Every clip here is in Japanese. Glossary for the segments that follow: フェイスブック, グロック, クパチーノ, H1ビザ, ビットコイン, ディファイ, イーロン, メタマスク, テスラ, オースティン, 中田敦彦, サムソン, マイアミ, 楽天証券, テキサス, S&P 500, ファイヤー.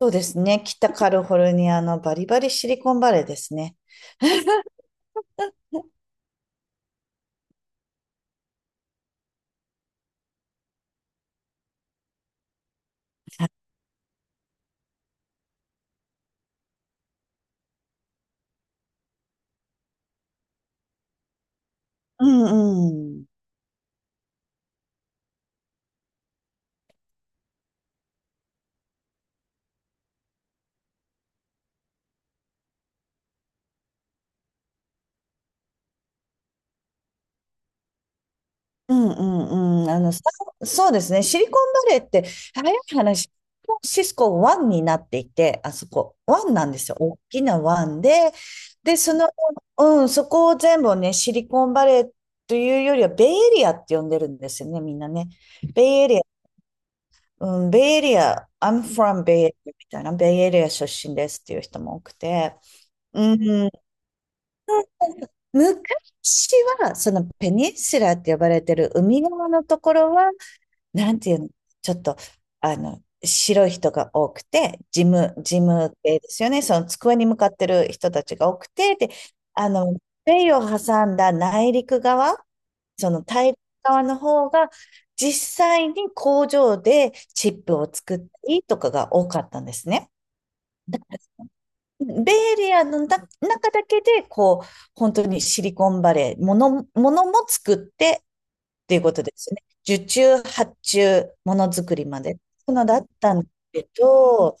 そうですね。北カリフォルニアのバリバリシリコンバレーですね。うんうん。うんうんうん。あの、さそうですね。シリコンバレーって、早い話、サンフランシスコ湾になっていて、あそこ、湾なんですよ。大きな湾で、で、その、うん、そこを全部ね、シリコンバレーというよりは、ベイエリアって呼んでるんですよね、みんなね。ベイエリア、うん、ベイエリア、I'm from ベイエリアみたいな、ベイエリア出身ですっていう人も多くて、うん昔は、そのペニンシュラーって呼ばれてる海側のところは、なんていうの、ちょっと、白い人が多くて、事務系ですよね。その机に向かってる人たちが多くて、で、あの、米を挟んだ内陸側、その大陸側の方が、実際に工場でチップを作ったりとかが多かったんですね。だかベイエリアの中だけで、こう、本当にシリコンバレー、ものも作ってっていうことですね。受注、発注、ものづくりまで。そういうのだったんだけど、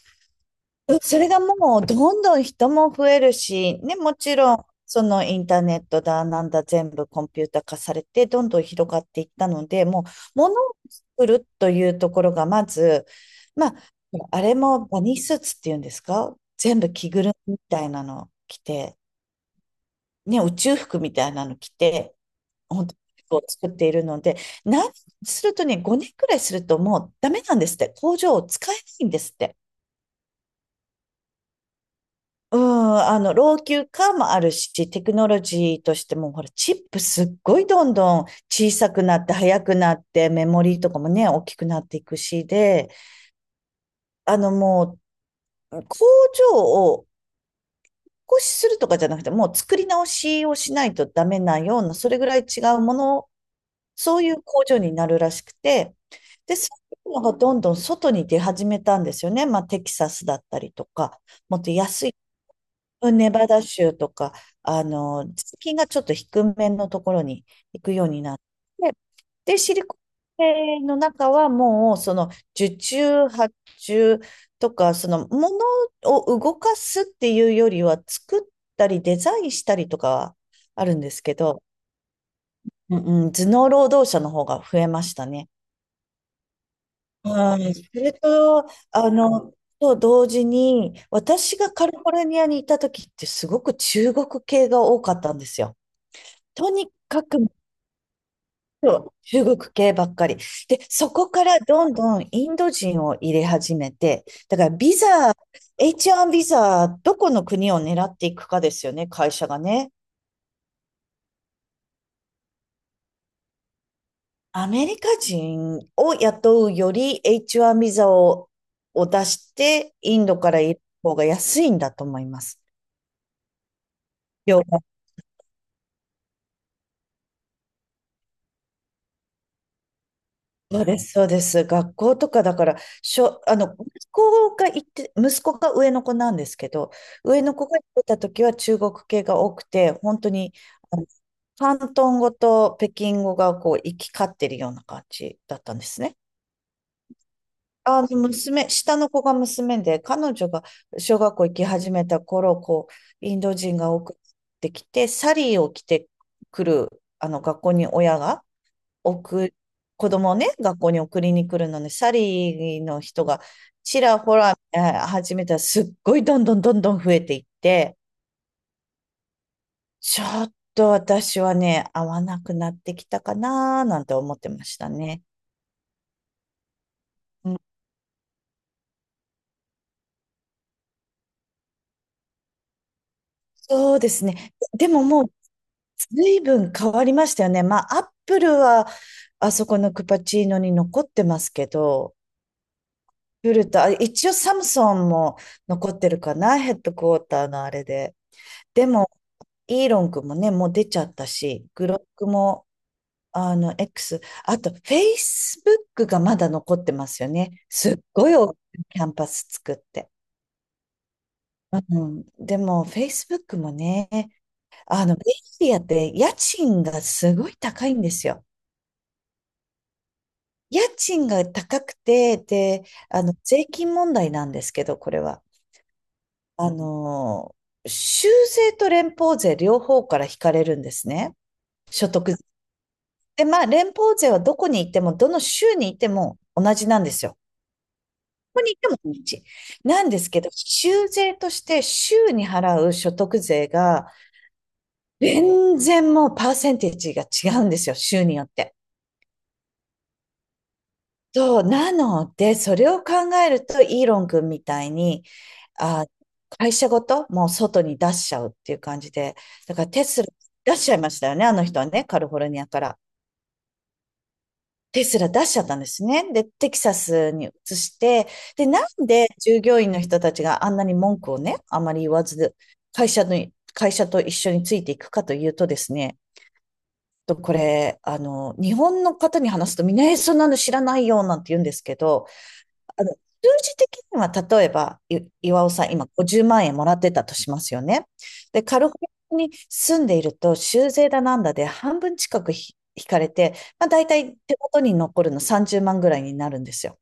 それがもうどんどん人も増えるし、ね、もちろんそのインターネットだなんだ全部コンピュータ化されてどんどん広がっていったので、もう物を作るというところがまず、まあ、あれもバニースーツっていうんですか、全部着ぐるみみたいなの着て、ね、宇宙服みたいなの着て、本当に服を作っているので、何するとね、5年くらいするともうダメなんですって、工場を使えないんですって。うん、あの、老朽化もあるし、テクノロジーとしても、ほら、チップすっごいどんどん小さくなって、速くなって、メモリーとかもね、大きくなっていくし、で、あの、もう、工場を少しするとかじゃなくて、もう作り直しをしないとダメなような、それぐらい違うものを、そういう工場になるらしくて、で、そういうのがどんどん外に出始めたんですよね。まあ、テキサスだったりとか、もっと安いネバダ州とか、あの、税金がちょっと低めのところに行くようになって、で、シリコンバレーの中はもう、その、受注、発注とか、その、ものを動かすっていうよりは、作ったりデザインしたりとかはあるんですけど、うんうん、頭脳労働者の方が増えましたね。はい、それと、あの、と同時に、私がカリフォルニアにいた時ってすごく中国系が多かったんですよ。とにかく中国系ばっかり。で、そこからどんどんインド人を入れ始めて、だからビザ、H1 ビザ、どこの国を狙っていくかですよね、会社がね。アメリカ人を雇うより H1 ビザを、出して、インドから入れる方が安いんだと思います。要はそうです、そうです。学校とかだから、あの、息子が行って、息子が上の子なんですけど、上の子が行ってた時は中国系が多くて、本当に、あの、広東語と北京語がこう行き交ってるような感じだったんですね。あの、娘、下の子が娘で、彼女が小学校行き始めた頃、こう、インド人が多くてきて、サリーを着てくる、あの、学校に親が、送子供をね、学校に送りに来るのに、サリーの人がちらほら、始めたらすっごいどんどんどんどん増えていって、ちょっと私はね、合わなくなってきたかななんて思ってましたね。うんそうですね。でももう、随分変わりましたよね。まあ、アップルは、あそこのクパチーノに残ってますけど、フルと、あ一応サムソンも残ってるかな、ヘッドクォーターのあれで。でも、イーロン君もね、もう出ちゃったし、グロックも、あの、X、あと、フェイスブックがまだ残ってますよね。すっごい大きなキャンパス作って。うん、でも、フェイスブックもね、あの、ベイエリアって家賃がすごい高いんですよ。家賃が高くて、で、あの、税金問題なんですけど、これは。あの、州税と連邦税両方から引かれるんですね。所得で、まあ、連邦税はどこに行っても、どの州に行っても同じなんですよ。どこに行っても同じ。なんですけど、州税として州に払う所得税が、全然もうパーセンテージが違うんですよ、州によって。そう、なので、それを考えると、イーロン君みたいに、あ、会社ごともう外に出しちゃうっていう感じで、だからテスラ出しちゃいましたよね、あの人はね、カリフォルニアから。テスラ出しちゃったんですね。で、テキサスに移して、で、なんで従業員の人たちがあんなに文句をね、あまり言わず、会社の、会社と一緒についていくかというとですね、とこれ、あの、日本の方に話すとみんな、え、そんなの知らないよ、なんて言うんですけど、あの、数字的には、例えば、岩尾さん、今50万円もらってたとしますよね。で、カリフォルニアに住んでいると、州税だなんだで半分近く引かれて、まあ、大体手元に残るの30万ぐらいになるんですよ。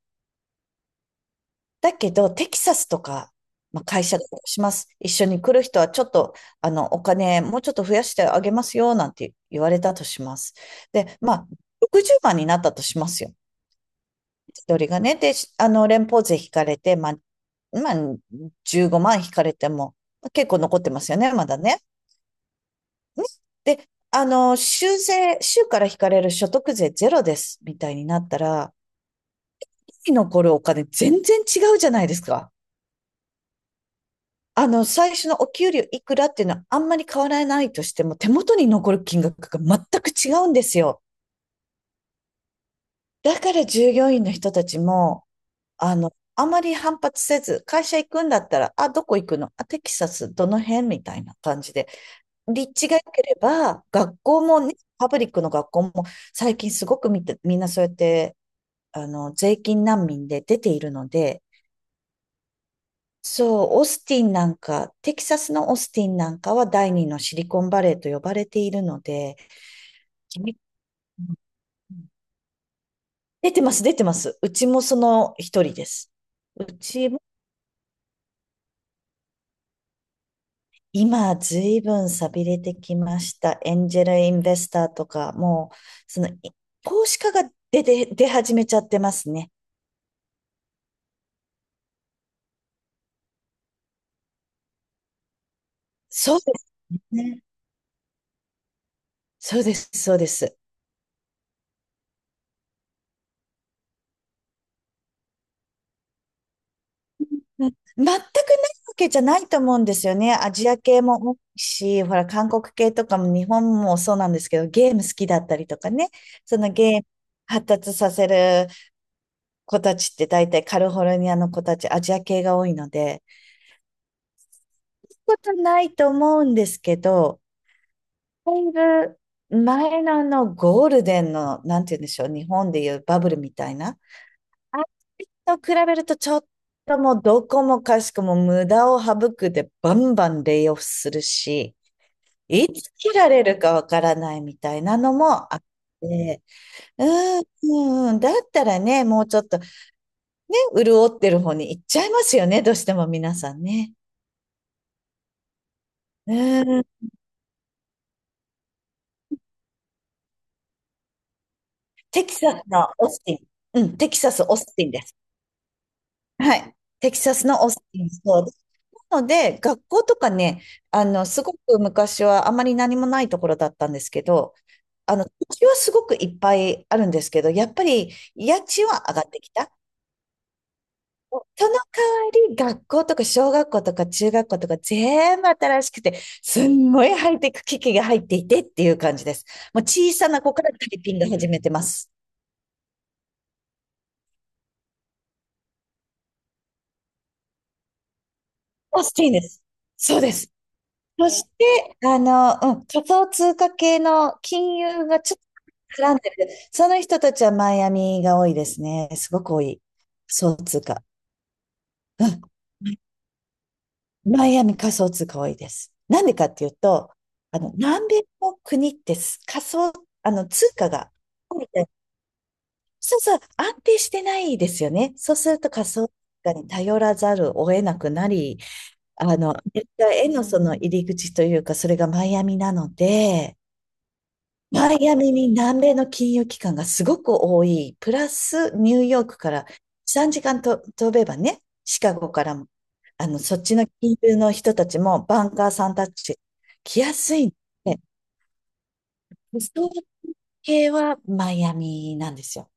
だけど、テキサスとか、まあ、会社だとします。一緒に来る人はちょっと、あの、お金もうちょっと増やしてあげますよ、なんて言われたとします。で、まあ、60万になったとしますよ。一人がね。で、あの、連邦税引かれて、まあ、15万引かれても、結構残ってますよね、まだね。ねで、あの、州税、州から引かれる所得税ゼロです、みたいになったら、日々残るお金全然違うじゃないですか。あの、最初のお給料いくらっていうのはあんまり変わらないとしても、手元に残る金額が全く違うんですよ。だから従業員の人たちも、あの、あまり反発せず、会社行くんだったら、あ、どこ行くの、あ、テキサス、どの辺みたいな感じで。立地が良ければ、学校もね、パブリックの学校も、最近すごくみて、みんなそうやって、あの、税金難民で出ているので、そう、オースティンなんか、テキサスのオースティンなんかは第二のシリコンバレーと呼ばれているので、君出てます、出てます。うちもその一人です。うちも今、ずいぶん寂れてきました。エンジェルインベスターとか、もう、その、投資家が出て、出始めちゃってますね。そうですね。そうです、そうです。うん、全くないわけじゃないと思うんですよね。アジア系も多いし、ほら、韓国系とかも日本もそうなんですけど、ゲーム好きだったりとかね。そのゲーム発達させる子たちって大体カリフォルニアの子たち、アジア系が多いので、ことないと思うんですけど、だいぶ前のあのゴールデンの、なんて言うんでしょう、日本でいうバブルみたいな。あれと比べるとちょっともうどこもかしこも無駄を省くでバンバンレイオフするし、いつ切られるかわからないみたいなのもあって、うん、うだったらね、もうちょっとね、潤ってる方に行っちゃいますよね、どうしても皆さんね。うん、テキサスのオースティン。うん、テキサス、オースティンです。はい。テキサスのオースティン、そう。なので、学校とかね、あの、すごく昔はあまり何もないところだったんですけど、あの、土地はすごくいっぱいあるんですけど、やっぱり家賃は上がってきた。その代わり、学校とか小学校とか中学校とか全部新しくて、すんごいハイテク機器が入っていてっていう感じです。もう小さな子からタイピング始めてます。オースティンです。そうです。そして、あの、うん、仮想通貨系の金融がちょっと絡んでる。その人たちはマイアミが多いですね。すごく多い。仮想通貨。うん。マイアミ仮想通貨多いです。なんでかっていうと、あの、南米の国って仮想、あの、通貨が、そうそう、安定してないですよね。そうすると仮想通貨に頼らざるを得なくなり、あの、アメリカへのその入り口というか、それがマイアミなので、マイアミに南米の金融機関がすごく多い。プラスニューヨークから3時間と飛べばね、シカゴからも、あの、そっちの金融の人たちもバンカーさんたち来やすいんで、リうー系はマイアミなんですよ。